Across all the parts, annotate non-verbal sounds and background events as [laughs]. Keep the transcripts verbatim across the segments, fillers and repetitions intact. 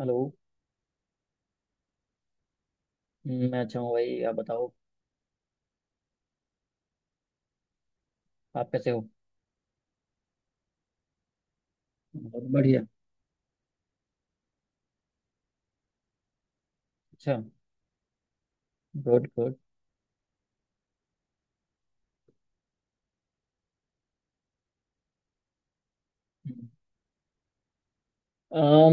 Hello. हम्म, मैं अच्छा हूँ भाई, आप बताओ। आप कैसे हो? बहुत बढ़िया। अच्छा। Good good.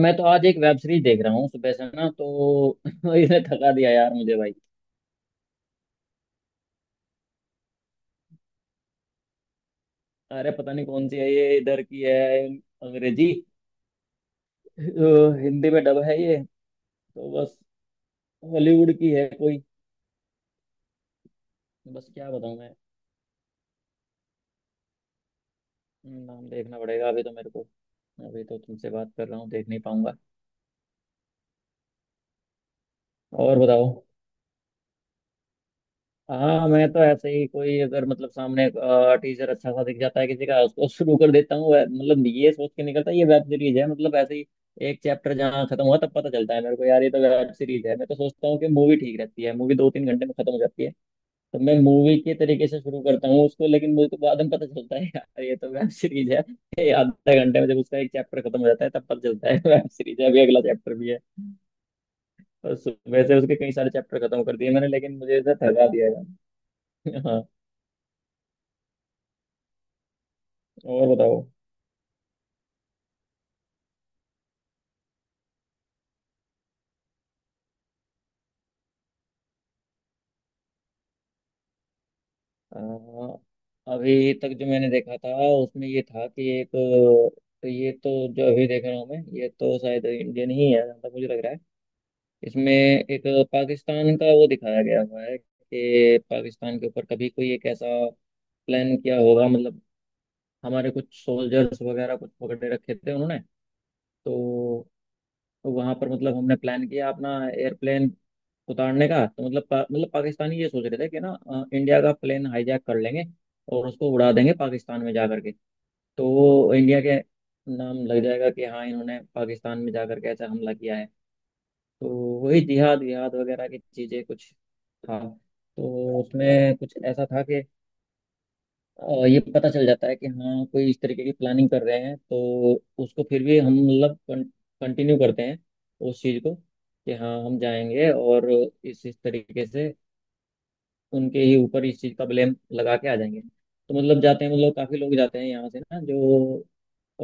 मैं तो आज एक वेब सीरीज देख रहा हूँ सुबह से ना, तो [laughs] इसने थका दिया यार मुझे भाई। अरे पता नहीं कौन सी है, ये इधर की है। अंग्रेजी, अ, हिंदी में डब है ये। तो बस, हॉलीवुड की है कोई। बस क्या बताऊँ मैं। नाम देखना पड़ेगा अभी तो मेरे को। अभी तो तुमसे बात कर रहा हूँ, देख नहीं पाऊंगा। और बताओ। हाँ, मैं तो ऐसे ही कोई अगर मतलब सामने टीचर अच्छा सा दिख जाता है किसी का, उसको शुरू कर देता हूँ। वै- मतलब ये सोच के निकलता है ये वेब सीरीज है, मतलब ऐसे ही। एक चैप्टर जहाँ खत्म हुआ तब पता चलता है मेरे को यार ये तो वेब सीरीज है। मैं तो सोचता हूँ कि मूवी ठीक रहती है, मूवी दो तीन घंटे में खत्म हो जाती है। तो मैं मूवी के तरीके से शुरू करता हूँ उसको, लेकिन मुझे तो बाद में पता चलता है [laughs] यार ये तो वेब सीरीज है। ये आधे घंटे में जब उसका एक चैप्टर खत्म हो जाता है तब पता चलता है [laughs] वेब सीरीज है, अभी अगला चैप्टर भी है। और सुबह से उसके कई सारे चैप्टर खत्म कर दिए मैंने, लेकिन मुझे ऐसा थका दिया है [laughs] हाँ। और बताओ। अ, अभी तक जो मैंने देखा था उसमें ये था कि एक तो ये तो जो अभी देख रहा हूँ मैं, ये तो शायद इंडियन ही है जहाँ तक मुझे लग रहा है। इसमें एक पाकिस्तान का वो दिखाया गया हुआ है कि पाकिस्तान के ऊपर कभी कोई एक ऐसा प्लान किया होगा, मतलब हमारे कुछ सोल्जर्स वगैरह कुछ पकड़े रखे थे उन्होंने। तो तो वहां पर मतलब हमने प्लान किया अपना एयरप्लेन उतारने का। तो मतलब पा, मतलब पाकिस्तानी ये सोच रहे थे कि ना अ, इंडिया का प्लेन हाईजैक कर लेंगे और उसको उड़ा देंगे पाकिस्तान में जा करके। तो वो इंडिया के नाम लग जाएगा कि हाँ इन्होंने पाकिस्तान में जा करके ऐसा हमला किया है। तो वही जिहाद विहाद वगैरह की चीजें कुछ था, तो उसमें कुछ ऐसा था कि अ, ये पता चल जाता है कि हाँ कोई इस तरीके की प्लानिंग कर रहे हैं। तो उसको फिर भी हम मतलब कंटिन्यू करते हैं उस चीज़ को कि हाँ हम जाएंगे और इस इस तरीके से उनके ही ऊपर इस चीज़ का ब्लेम लगा के आ जाएंगे। तो मतलब जाते हैं, मतलब काफ़ी लोग जाते हैं यहाँ से ना, जो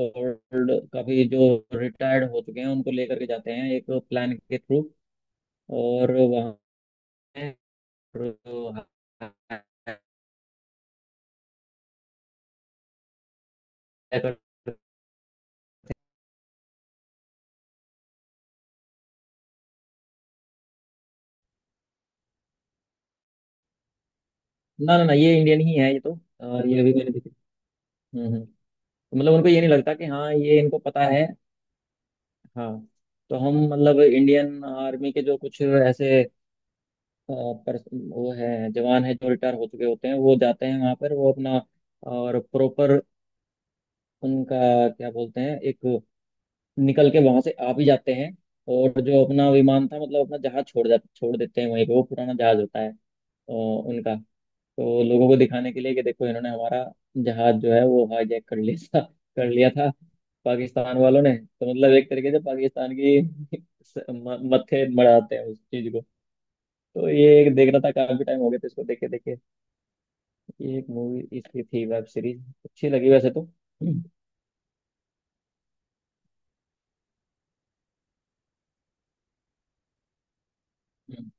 ओल्ड काफ़ी, जो रिटायर्ड हो चुके हैं, उनको लेकर के जाते हैं एक प्लान के थ्रू। और वहाँ पे जो- [laughs] ना ना ना, ये इंडियन ही है ये तो। अ, ये अभी मैंने हम्म हम्म। तो मतलब उनको ये नहीं लगता कि हाँ ये इनको पता है। हाँ, तो हम मतलब इंडियन आर्मी के जो कुछ ऐसे अ, पर्स- वो है, जवान है जो रिटायर हो चुके होते हैं, वो जाते हैं वहाँ पर वो अपना और प्रॉपर उनका क्या बोलते हैं एक, निकल के वहाँ से आ भी जाते हैं। और जो अपना विमान था, मतलब अपना जहाज छोड़ जा छोड़ देते हैं वहीं पे। वो पुराना जहाज होता है अ, उनका। तो लोगों को दिखाने के लिए कि देखो इन्होंने हमारा जहाज जो है वो हाईजैक कर लिया था, कर लिया था पाकिस्तान वालों ने। तो मतलब एक तरीके से पाकिस्तान की स- म- मत्थे मढ़ाते हैं उस चीज को। तो ये एक देख रहा था, काफी टाइम हो गया तो इसको देखे देखे। ये एक मूवी इसकी थी, वेब सीरीज अच्छी लगी वैसे तो। हम्म।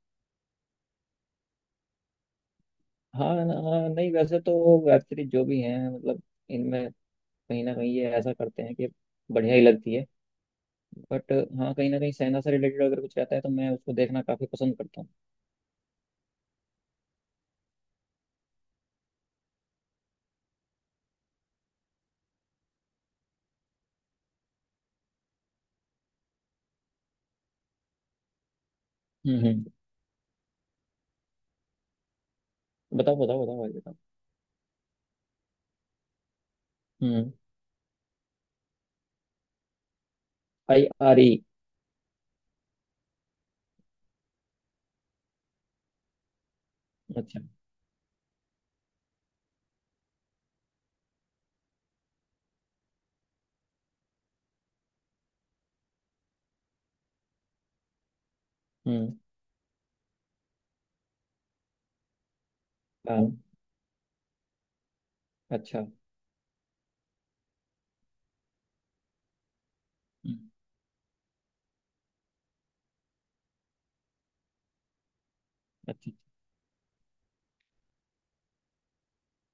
हाँ, ना- नहीं वैसे तो वेब सीरीज जो भी हैं मतलब इनमें कहीं ना कहीं ये ऐसा करते हैं कि बढ़िया ही लगती है। बट हाँ, कहीं ना कहीं सेना से रिलेटेड अगर कुछ रहता है तो मैं उसको देखना काफी पसंद करता हूँ। हम्म। बताओ बताओ बताओ भाई बताओ। हम्म। आई आर ई। अच्छा। हम्म। काम। अच्छा। हम्म। अच्छा।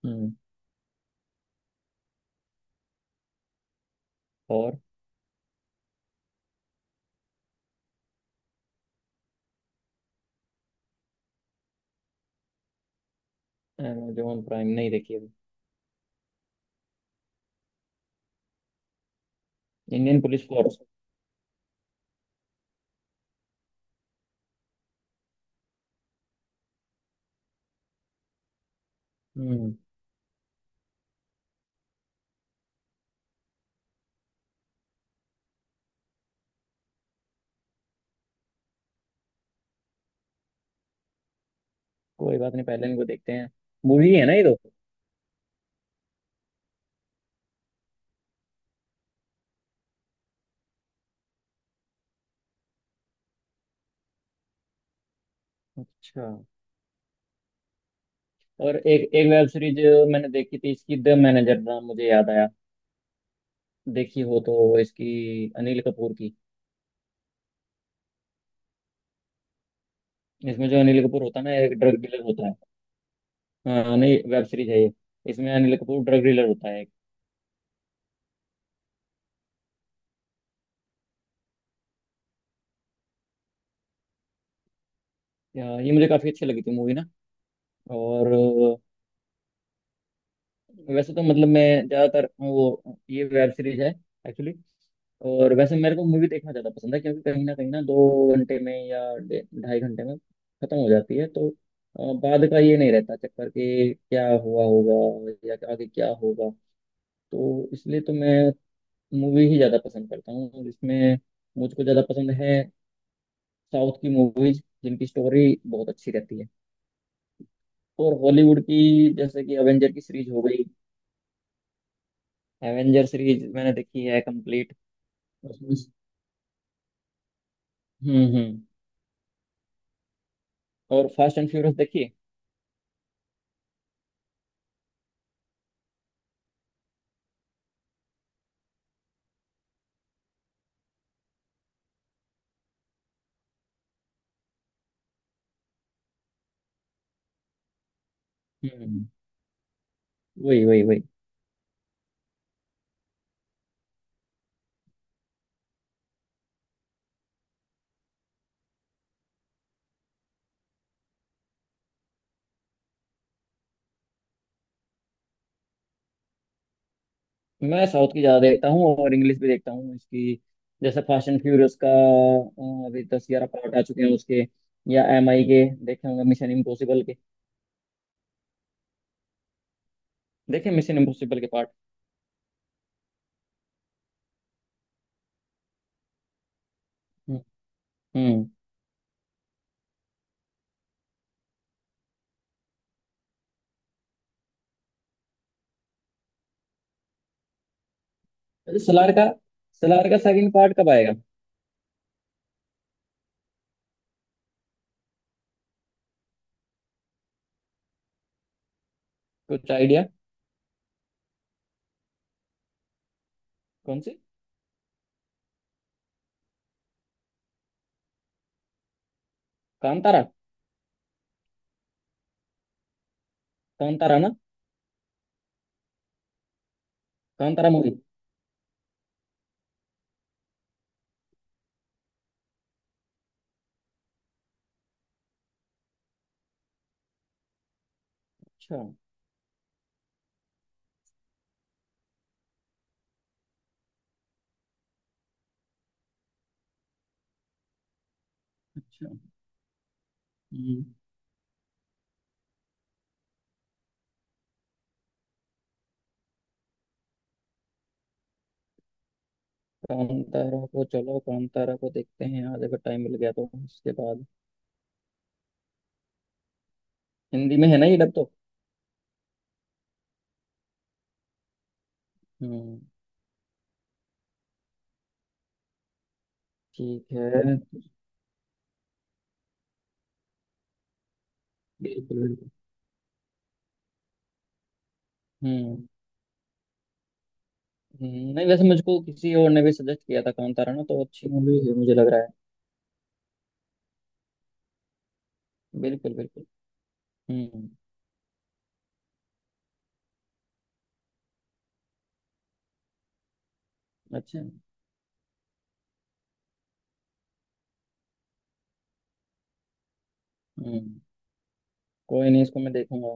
हम्म। और। अमेजोन प्राइम नहीं देखी अभी। Indian police force. हम्म। कोई बात नहीं, पहले इनको देखते हैं। मूवी है ना ये तो। अच्छा। और एक एक वेब सीरीज मैंने देखी थी इसकी, द मैनेजर नाम मुझे याद आया। देखी हो तो। इसकी अनिल कपूर की। इसमें जो अनिल कपूर होता है ना, एक ड्रग डीलर होता है। हाँ नहीं, वेब सीरीज है ये। इसमें अनिल कपूर ड्रग डीलर होता है एक। या, ये मुझे काफी अच्छी लगी थी मूवी ना। और अ, वैसे तो मतलब मैं ज़्यादातर वो, ये वेब सीरीज है एक्चुअली। और वैसे मेरे को मूवी देखना ज़्यादा पसंद है क्योंकि कहीं ना कहीं ना दो घंटे में या डे- ढाई घंटे में ख़त्म हो जाती है, तो अ, बाद का ये नहीं रहता चक्कर कि क्या हुआ होगा या आगे क्या होगा। तो इसलिए तो मैं मूवी ही ज़्यादा पसंद करता हूँ, जिसमें मुझको ज़्यादा पसंद है साउथ की मूवीज जिनकी स्टोरी बहुत अच्छी रहती है। और हॉलीवुड की, जैसे कि एवेंजर की सीरीज हो गई, एवेंजर सीरीज मैंने देखी है कंप्लीट। उसमें से- हम्म हम्म। और फास्ट एंड फ्यूरियस देखी। हम्म। वही वही वही। मैं साउथ की ज्यादा देखता हूँ और इंग्लिश भी देखता हूँ इसकी। जैसे फास्ट एंड फ्यूरियस का अ, अभी दस ग्यारह पार्ट आ चुके हैं उसके। या एम आई के देखे होंगे मिशन इम्पॉसिबल के। देखे मिशन इम्पॉसिबल के पार्ट। हम्म हम्म। अरे सलार का, सलार का सेकंड पार्ट कब आएगा, कुछ आइडिया? कौन सी? कांतारा। कांतारा ना। कांतारा मूवी। अच्छा। अच्छा। हम्म। कांतारा को, चलो कांतारा को देखते हैं आज अगर टाइम मिल गया तो उसके बाद। हिंदी में है ना ये डब तो? हम्म। ठीक है। बिल्कुल बिल्कुल। हम्म। हम्म, नहीं वैसे मुझको किसी और ने भी सजेस्ट किया था कांतारा ना, तो अच्छी मूवी है मुझे लग रहा है। बिल्कुल बिल्कुल। हम्म। अच्छा। हम्म। कोई नहीं, इसको मैं देखूंगा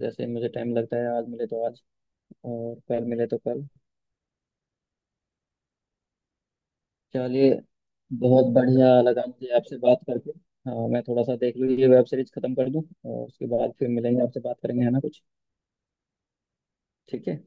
जैसे मुझे टाइम लगता है, आज मिले तो आज और कल मिले तो कल। चलिए, बहुत बढ़िया लगा मुझे आपसे बात करके। हाँ, मैं थोड़ा सा देख लूँ, ये वेब सीरीज खत्म कर दूँ और उसके बाद फिर मिलेंगे, आपसे बात करेंगे है ना कुछ। ठीक है।